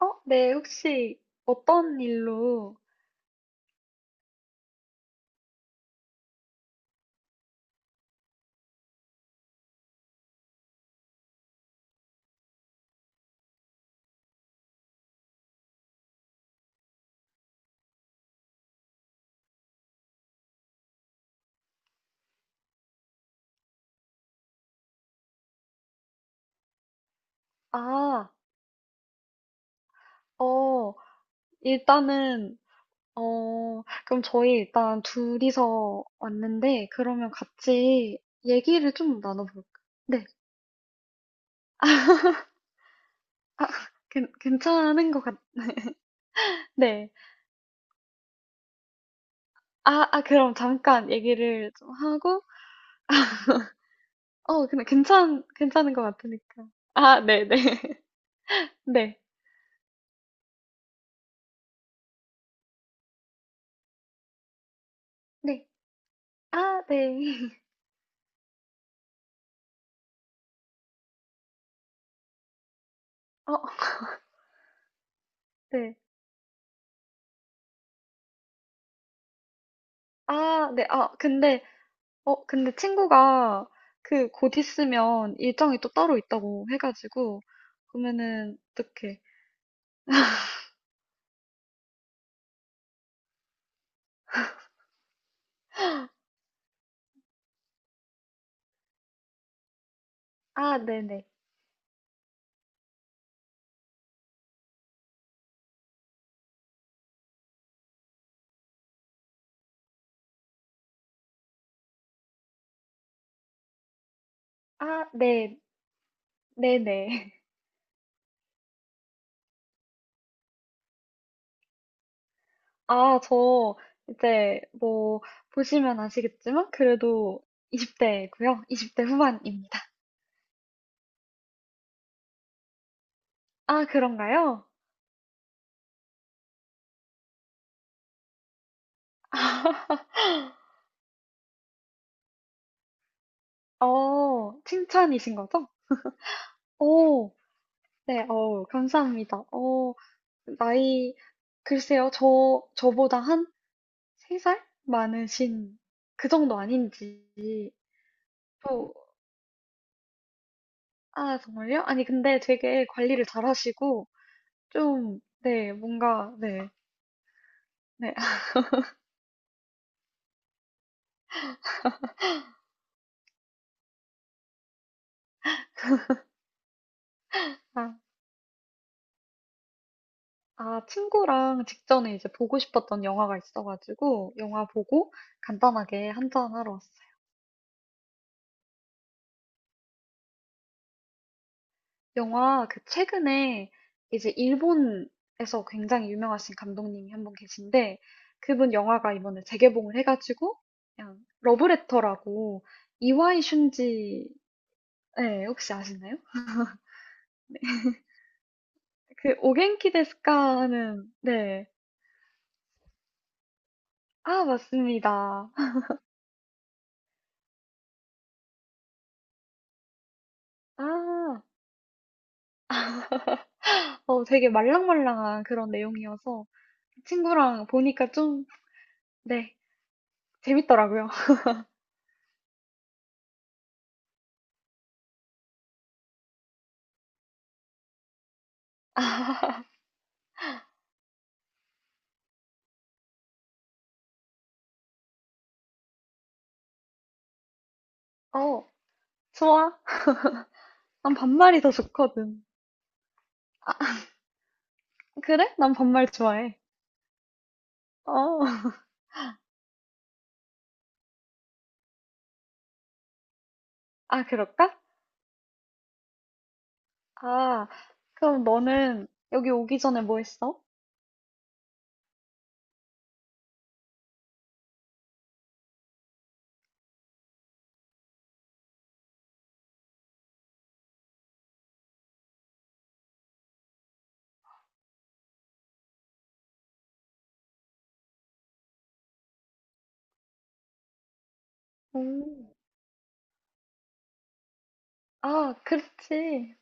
네, 혹시 어떤 일로? 아, 어, 일단은, 그럼 저희 일단 둘이서 왔는데, 그러면 같이 얘기를 좀 나눠볼까? 네, 아, 괜찮은 것 같, 네. 그럼 잠깐 얘기를 좀 하고, 근데 괜찮은 것 같으니까. 네네. 네. 네. 네. 네. 네. 어, 네. 네. 근데 친구가 그 곧 있으면 일정이 또 따로 있다고 해가지고, 그러면은 어떻게? 네네. 네. 네네. 아, 저 이제 뭐 보시면 아시겠지만 그래도 20대고요. 20대 후반입니다. 그런가요? 칭찬이신 거죠? 오, 네, 감사합니다. 나이, 글쎄요, 저보다 한 3살 많으신 그 정도 아닌지. 또 정말요? 아니, 근데 되게 관리를 잘하시고 좀, 네, 뭔가, 네, 네. 아 친구랑 직전에 이제 보고 싶었던 영화가 있어가지고 영화 보고 간단하게 한잔 하러 왔어요. 영화 그 최근에 이제 일본에서 굉장히 유명하신 감독님이 한 분 계신데 그분 영화가 이번에 재개봉을 해가지고, 그냥 러브레터라고, 이와이 슌지. 네, 혹시 아시나요? 그 오겐키 데스 까 하는, 네. 맞습니다. 아, 되게 말랑말랑한 그런 내용이어서 그 친구랑 보니까 좀, 네, 재밌더라고요. 어, 좋아. 난 반말이 더 좋거든. 그래? 난 반말 좋아해. 어, 그럴까? 아, 그럼 너는 여기 오기 전에 뭐 했어? 오, 아, 그렇지.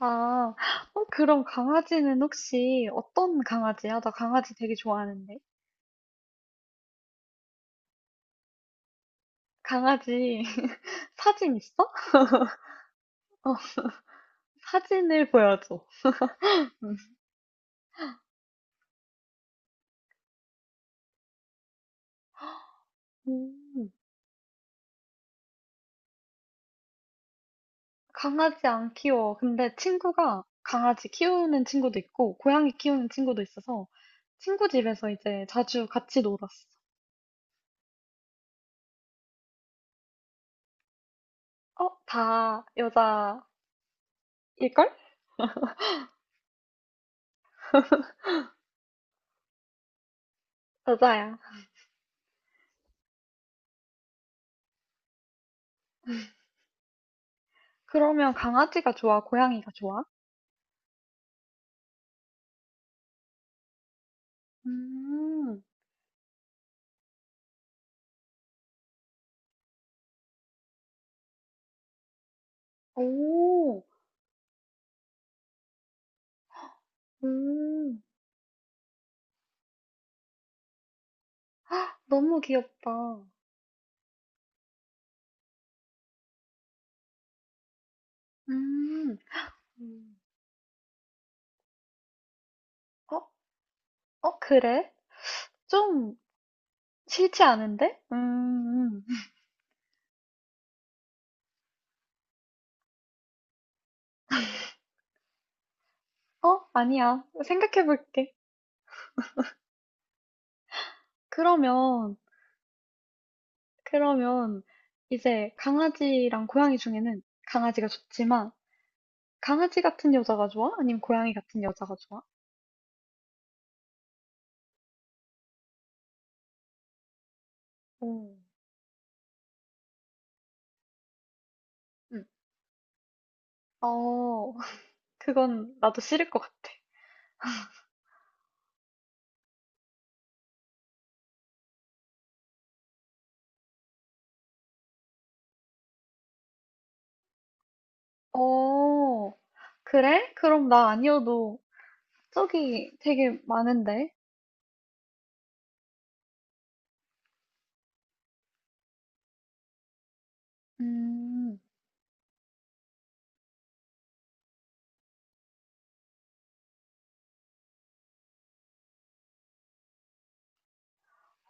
아, 그럼 강아지는 혹시 어떤 강아지야? 나 강아지 되게 좋아하는데. 강아지. 사진 있어? 어, 사진을 보여줘. 음, 음, 강아지 안 키워. 근데 친구가 강아지 키우는 친구도 있고, 고양이 키우는 친구도 있어서 친구 집에서 이제 자주 같이 놀았어. 다 여자일걸? 여자야. 그러면 강아지가 좋아? 고양이가 좋아? 음, 오, 오. 너무 귀엽다. 음, 음. 어? 그래? 좀 싫지 않은데? 어? 아니야. 생각해볼게. 그러면, 그러면, 이제 강아지랑 고양이 중에는 강아지가 좋지만, 강아지 같은 여자가 좋아? 아니면 고양이 같은 여자가 좋아? 오. 응. 어, 그건 나도 싫을 것 같아. 어, 그래? 그럼 나 아니어도 저기 되게 많은데? 음,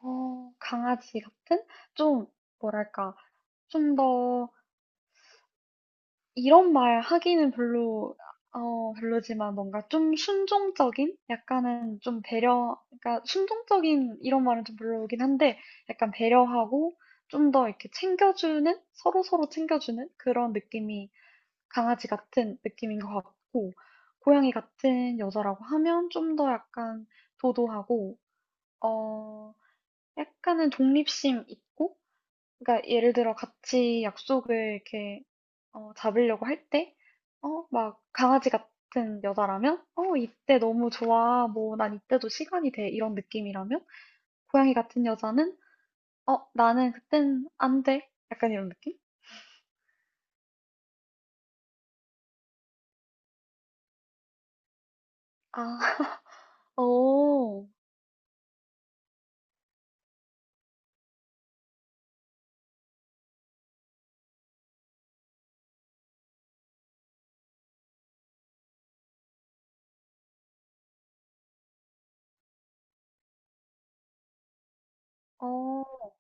강아지 같은? 좀 뭐랄까, 좀 더 이런 말 하기는 별로, 별로지만 뭔가 좀 순종적인, 약간은 좀 배려, 그러니까 순종적인 이런 말은 좀 별로긴 한데 약간 배려하고 좀 더 이렇게 챙겨주는, 서로서로 챙겨주는 그런 느낌이 강아지 같은 느낌인 것 같고, 고양이 같은 여자라고 하면 좀 더 약간 도도하고, 어 약간은 독립심 있고, 그러니까 예를 들어 같이 약속을 이렇게 잡으려고 할 때, 막 강아지 같은 여자라면, 이때 너무 좋아. 뭐, 난 이때도 시간이 돼. 이런 느낌이라면, 고양이 같은 여자는, 나는 그땐 안 돼. 약간 이런 느낌? 아, 오, 어,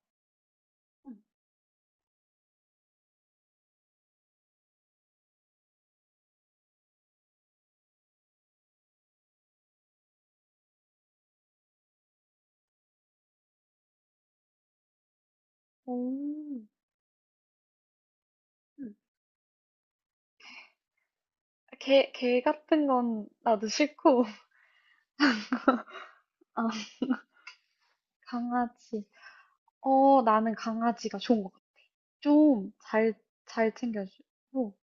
오. 개 같은 건 나도 싫고. 아, 강아지. 나는 강아지가 좋은 것 같아. 좀 잘 챙겨주고.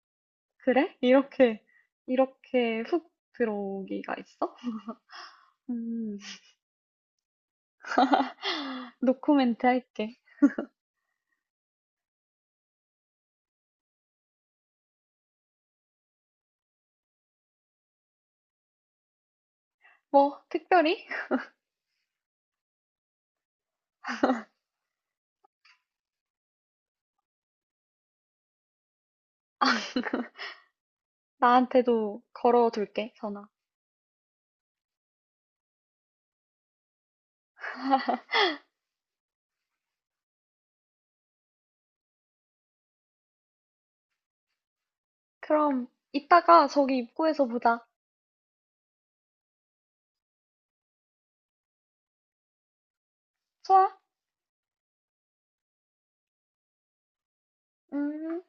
그래? 이렇게 훅 들어오기가 있어? 음, 노코멘트 할게. 뭐, 특별히? 나한테도 걸어둘게, 전화. 그럼, 이따가 저기 입구에서 보자. 좋아? 음.